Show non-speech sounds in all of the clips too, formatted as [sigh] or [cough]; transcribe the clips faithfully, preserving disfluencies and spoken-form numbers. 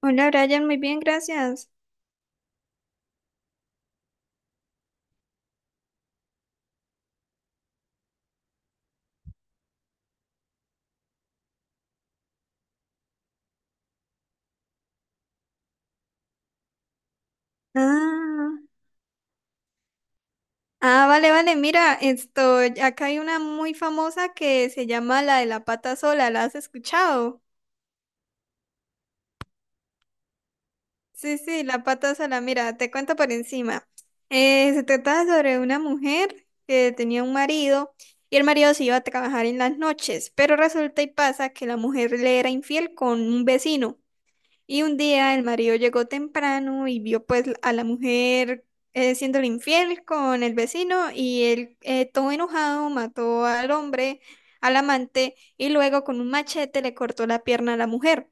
Hola Brian, muy bien, gracias. Ah, ah, vale, vale, mira, esto, acá hay una muy famosa que se llama la de la pata sola, ¿la has escuchado? Sí, sí, la pata sola, mira, te cuento por encima. Eh, se trataba sobre una mujer que tenía un marido y el marido se iba a trabajar en las noches, pero resulta y pasa que la mujer le era infiel con un vecino. Y un día el marido llegó temprano y vio pues a la mujer eh, siéndole infiel con el vecino y él eh, todo enojado mató al hombre, al amante y luego con un machete le cortó la pierna a la mujer.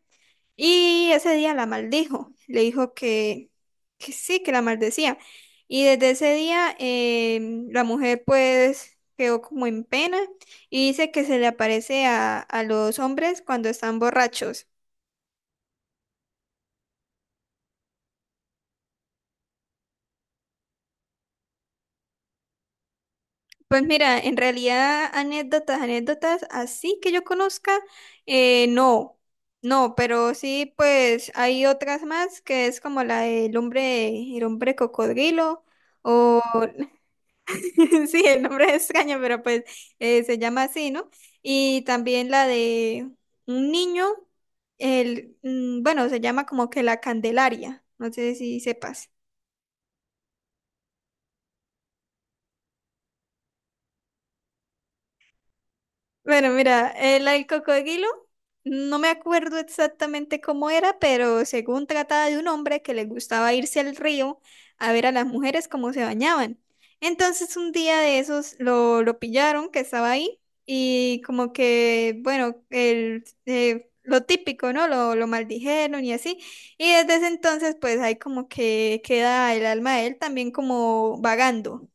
Y ese día la maldijo, le dijo que, que sí, que la maldecía. Y desde ese día em, la mujer pues quedó como en pena y dice que se le aparece a, a los hombres cuando están borrachos. Pues mira, en realidad anécdotas, anécdotas así que yo conozca, eh, no, no, pero sí, pues hay otras más que es como la del hombre, el hombre cocodrilo, o [laughs] sí, el nombre es extraño, pero pues eh, se llama así, ¿no? Y también la de un niño, el, mm, bueno, se llama como que la Candelaria, no sé si sepas. Bueno, mira, el, el cocodrilo, no me acuerdo exactamente cómo era, pero según trataba de un hombre que le gustaba irse al río a ver a las mujeres cómo se bañaban. Entonces un día de esos lo, lo pillaron que estaba ahí y como que, bueno, el, eh, lo típico, ¿no? Lo, lo maldijeron y así. Y desde ese entonces pues ahí como que queda el alma de él también como vagando.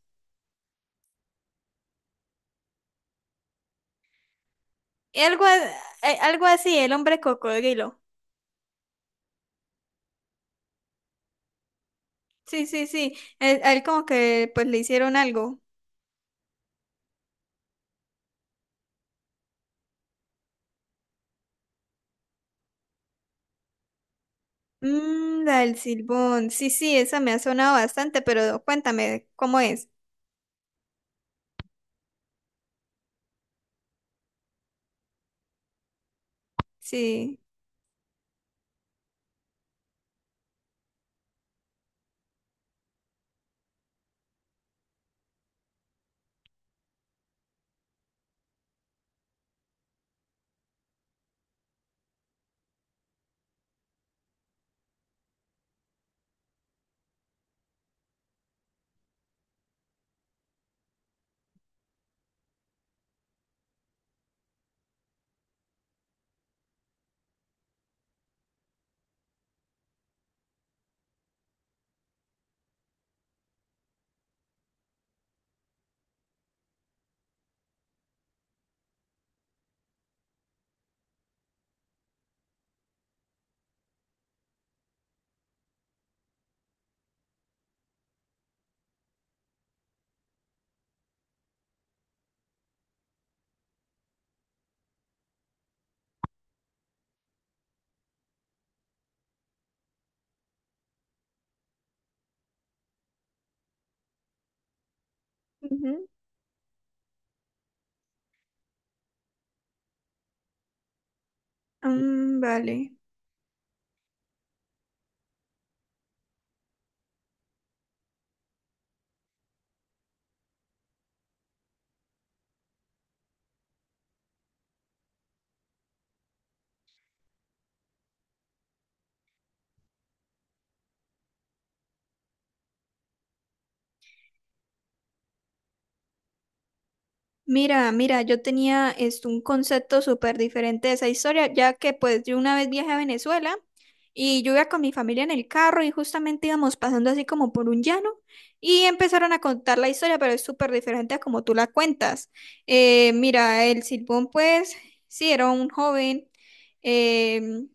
Algo, a- eh, Algo así, el hombre cocodrilo. Sí, sí, sí. Él, a él como que pues le hicieron algo. Mm, la del silbón. Sí, sí, esa me ha sonado bastante, pero cuéntame cómo es. Sí. Ujú. Mm, vale. Mira, mira, yo tenía esto, un concepto súper diferente de esa historia, ya que pues yo una vez viajé a Venezuela y yo iba con mi familia en el carro y justamente íbamos pasando así como por un llano y empezaron a contar la historia, pero es súper diferente a como tú la cuentas. Eh, mira, el Silbón pues sí era un joven, em,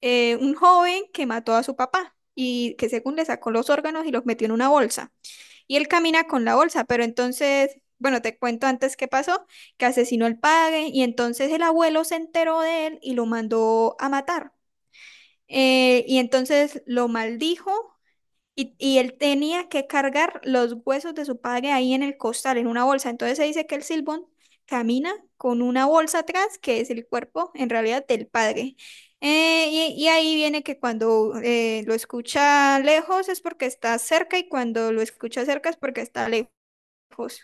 eh, un joven que mató a su papá y que según le sacó los órganos y los metió en una bolsa. Y él camina con la bolsa, pero entonces, bueno, te cuento antes qué pasó, que asesinó al padre y entonces el abuelo se enteró de él y lo mandó a matar. Eh, y entonces lo maldijo y, y él tenía que cargar los huesos de su padre ahí en el costal, en una bolsa. Entonces se dice que el Silbón camina con una bolsa atrás, que es el cuerpo en realidad del padre. Eh, y, y ahí viene que cuando eh, lo escucha lejos es porque está cerca y cuando lo escucha cerca es porque está lejos. Pues,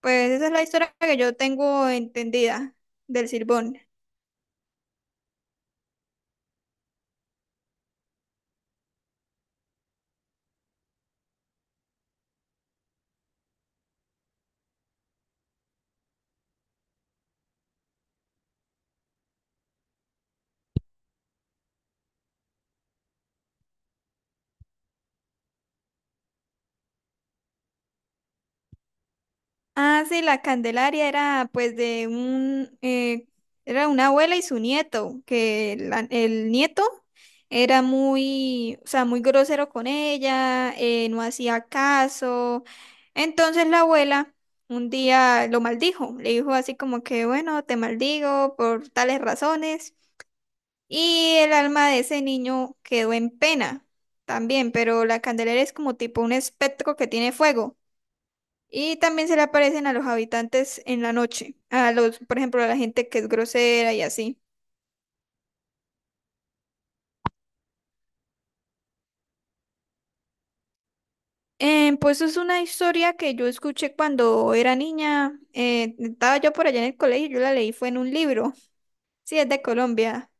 pues esa es la historia que yo tengo entendida del Silbón. Ah, sí, la Candelaria era pues de un, eh, era una abuela y su nieto, que la- el nieto era muy, o sea, muy grosero con ella, eh, no hacía caso. Entonces la abuela un día lo maldijo, le dijo así como que, bueno, te maldigo por tales razones. Y el alma de ese niño quedó en pena también, pero la candelera es como tipo un espectro que tiene fuego. Y también se le aparecen a los habitantes en la noche, a los, por ejemplo, a la gente que es grosera y así. Eh, pues es una historia que yo escuché cuando era niña. Eh, estaba yo por allá en el colegio, yo la leí, fue en un libro. Sí, es de Colombia.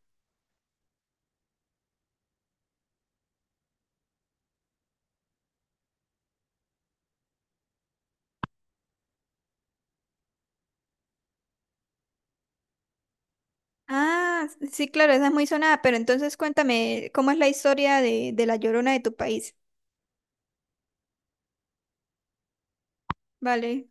Ah, sí, claro, esa es muy sonada, pero entonces cuéntame, ¿cómo es la historia de, de la Llorona de tu país? Vale.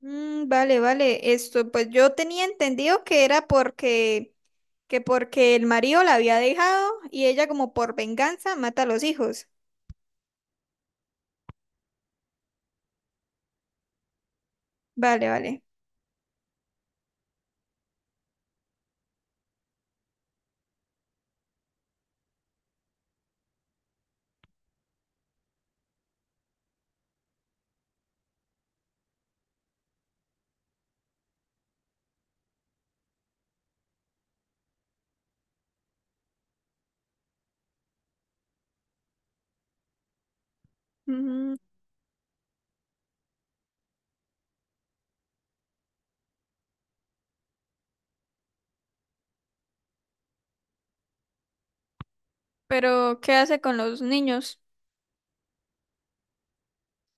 Mm, vale, vale. Esto, pues yo tenía entendido que era porque, que porque el marido la había dejado y ella como por venganza mata a los hijos. Vale, vale. Ujú. Pero, ¿qué hace con los niños?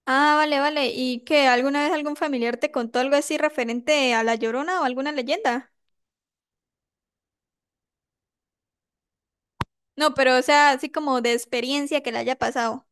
Ah, vale, vale. ¿Y qué? ¿Alguna vez algún familiar te contó algo así referente a la Llorona o alguna leyenda? No, pero, o sea, así como de experiencia que le haya pasado.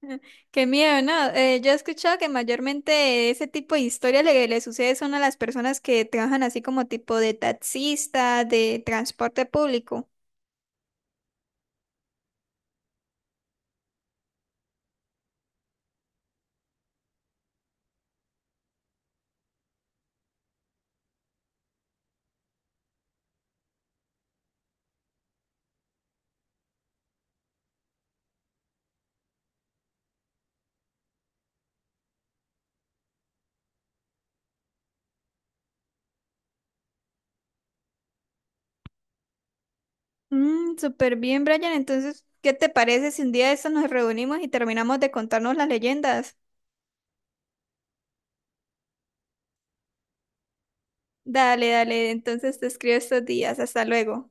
[laughs] Qué miedo, ¿no? Eh, yo he escuchado que mayormente ese tipo de historias le, le sucede son a las personas que trabajan así como tipo de taxista, de transporte público. Mm, súper bien, Brian. Entonces, ¿qué te parece si un día de estos nos reunimos y terminamos de contarnos las leyendas? Dale, dale. Entonces te escribo estos días. Hasta luego.